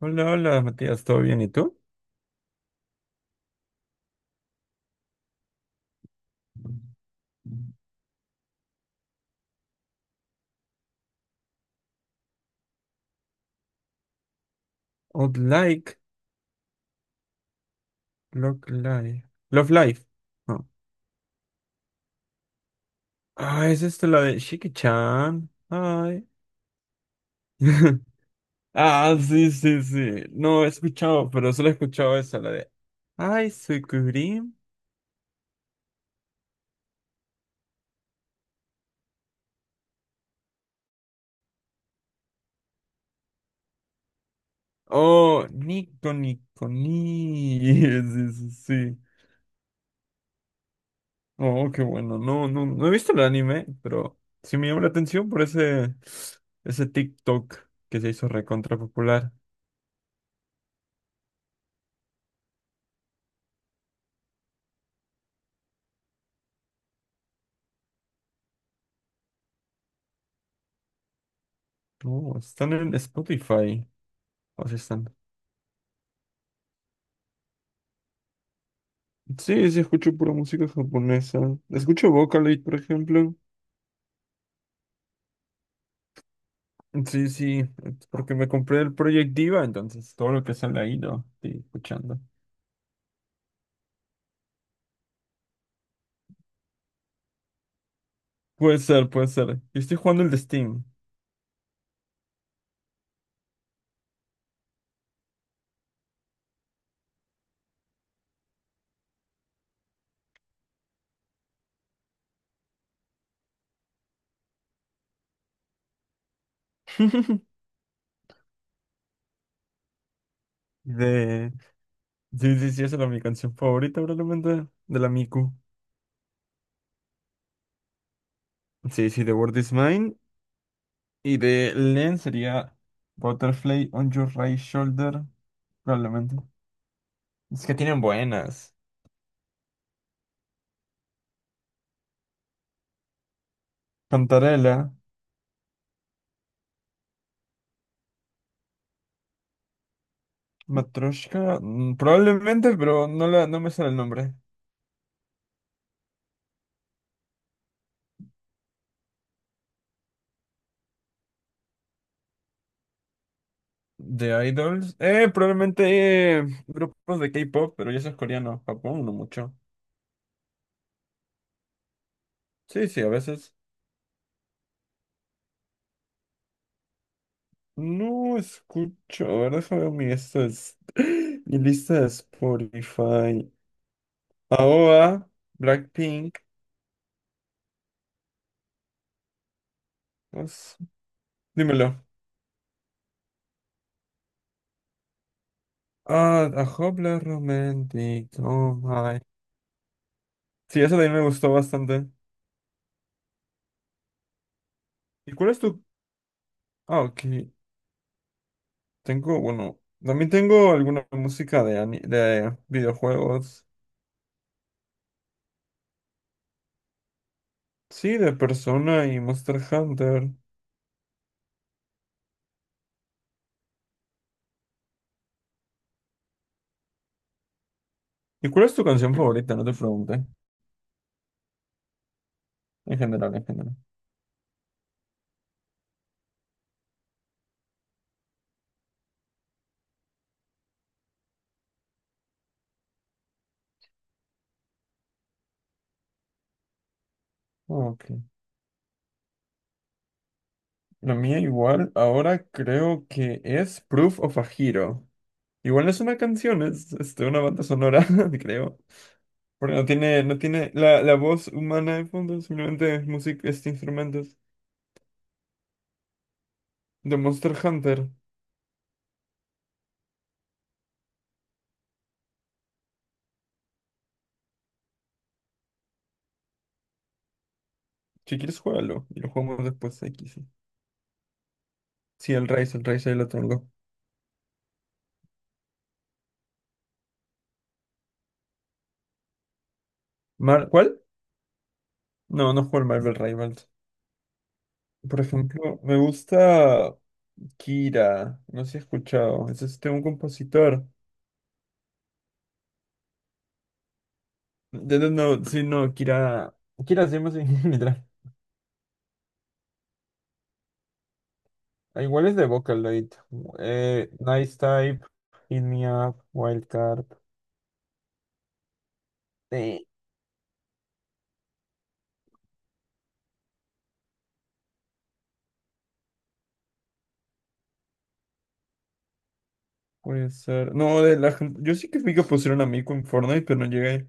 Hola, hola, Matías, ¿todo bien? ¿Y tú? Would like, love life, love life. No. Ah, es esto la de Shiki-chan. Ay. Ah, sí, sí, sí. No he escuchado, pero solo he escuchado esa, la de Ay, soy Kurim. Oh, Nico, Nico, ni. Sí, sí, sí. Oh, qué bueno. No, no, no he visto el anime, pero sí me llama la atención por ese, ese TikTok que se hizo recontra popular. Oh, están en Spotify. O están. Sí, sí, escucho pura música japonesa. Escucho Vocaloid, por ejemplo. Sí, sí, es porque me compré el Project Diva, entonces todo lo que sale ahí lo estoy escuchando. Puede ser, puede ser. Yo estoy jugando el de Steam. De... Sí, sí, sí, esa era mi canción favorita probablemente, de la Miku. Sí, sí, The World Is Mine. Y de Len sería Butterfly on Your Right Shoulder, probablemente. Es que tienen buenas. Cantarela. Matryoshka, mm, probablemente, pero no, la, no me sale el nombre. De Idols. Probablemente grupos de K-pop, pero ya eso es coreano. Japón, no mucho. Sí, sí, a veces. No escucho. A ver, déjame ver mi, esto es- mi lista de Spotify. AOA, Blackpink. Pues, dímelo. Ah, A Hopla Romantic. Oh my. Sí, eso también me gustó bastante. ¿Y cuál es tu? Ah, ok. Tengo, bueno, también tengo alguna música de, ani- de videojuegos. Sí, de Persona y Monster Hunter. ¿Y cuál es tu canción favorita? No te pregunté. En general, en general. Ok. La mía igual, ahora creo que es Proof of a Hero. Igual no es una canción, es este, una banda sonora, creo. Porque no tiene, no tiene la, la voz humana de fondo, simplemente es música, este instrumentos. De Monster Hunter. Si quieres, juégalo. Y lo jugamos después, aquí sí. Sí, el Rise ahí lo tengo. Mar- ¿Cuál? No, no juego el Marvel Rivals. Por ejemplo, me gusta Kira. No sé si he escuchado. Es este un compositor. De- No, sí, no, Kira. Kira se llama así, literal. Ah, igual es de Vocaloid. Nice Type, Hit Me Up, Wildcard. Sí. Puede ser. No, de la gente. Yo sí que vi que pusieron a Mico en Fortnite, pero no llegué.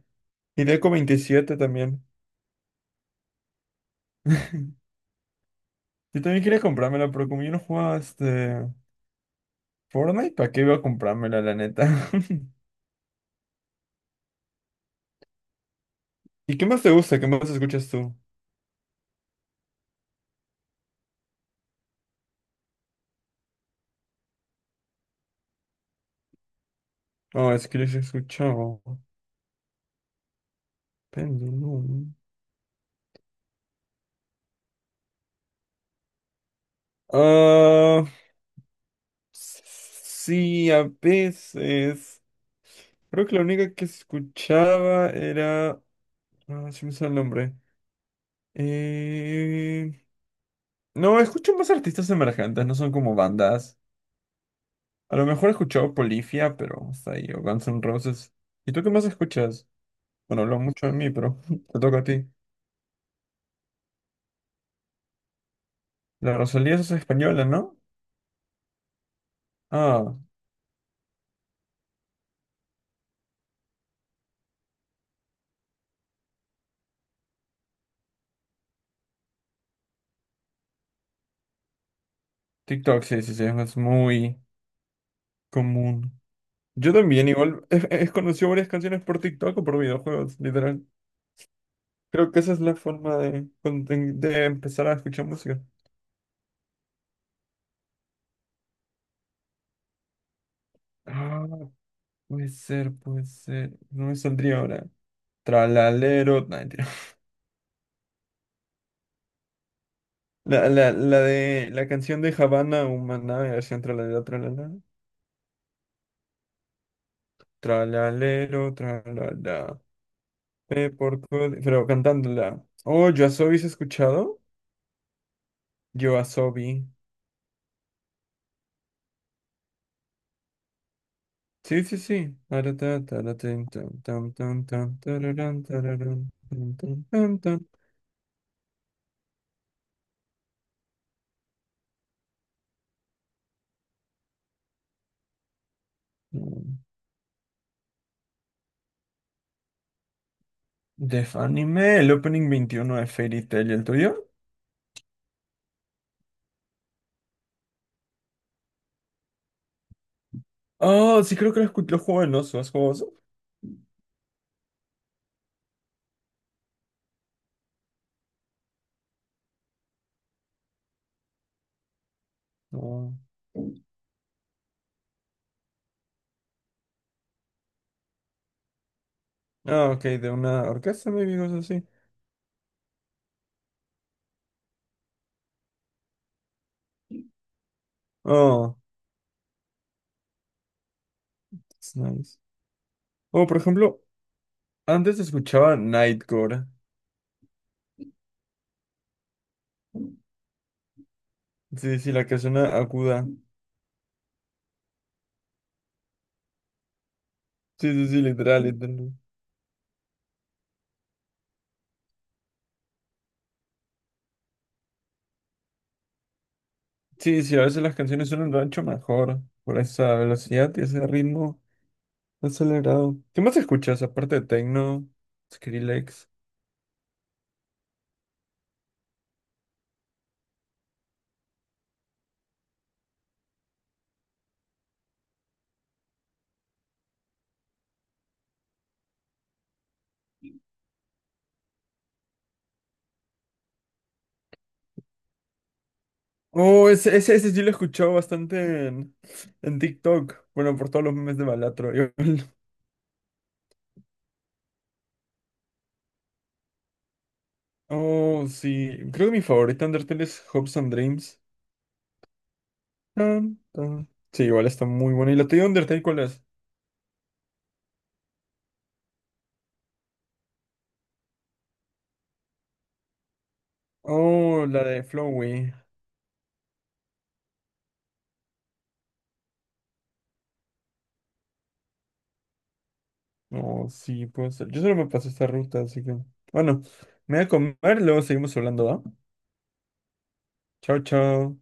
Y Deco 27 también. Yo también quería comprármela, pero como yo no jugaba este. Fortnite, ¿para qué iba a comprármela, la neta? ¿Y qué más te gusta? ¿Qué más escuchas tú? No, es que yo sí he escuchado. Pendulum. Ah, s- sí, a veces. Creo que la única que escuchaba era. Ah, se me sale el nombre. Eh, No, escucho más artistas emergentes, no son como bandas. A lo mejor he escuchado Polifia, pero hasta ahí, o Guns N' Roses. ¿Y tú qué más escuchas? Bueno, hablo mucho de mí, pero te toca a ti. La Rosalía es española, ¿no? Ah, TikTok, sí, sí, sí, es muy común. Yo también, igual, he conocido varias canciones por TikTok o por videojuegos, literal. Creo que esa es la forma de, conten- de empezar a escuchar música. Ah, puede ser, puede ser. No me saldría ahora. Tralalero. No, mentira. La de la canción de Havana Humana, versión tralalero, tralala. Tralalero, tralala. Por, todo- pero cantándola. Oh, yo soy, ¿has escuchado? Yoasobi. Sí, sí, sí. Taratá, taratín, tan, tan, tan, tan, tararán, tararán, tan, tan, tan, tan. Mm. Def Anime, el opening 21 de Fairy Tail, ¿y el tuyo? Oh, sí, creo que lo, escu- lo juego en oso. ¿Has jugado oso? No. Ah, ok, de una orquesta, maybe, cosas así. Oh, it's nice. Oh, por ejemplo, antes escuchaba Nightcore. Sí, sí, la que suena aguda. Sí, sí, sí, literal, literal. Sí, sí, a veces las canciones son suenan rancho mejor por esa velocidad y ese ritmo acelerado. ¿Qué más escuchas aparte de techno, Skrillex? Oh, ese sí lo he escuchado bastante en TikTok. Bueno, por todos los memes de Balatro. Igual. Oh, sí. Creo que mi favorita Undertale es Hopes and Dreams. Tan, tan. Sí, igual está muy buena. ¿Y la tuya Undertale cuál es? Oh, la de Flowey. Oh, sí, puede ser. Yo solo me paso esta ruta, así que. Bueno, me voy a comer, luego seguimos hablando, ¿va? Chao, chao.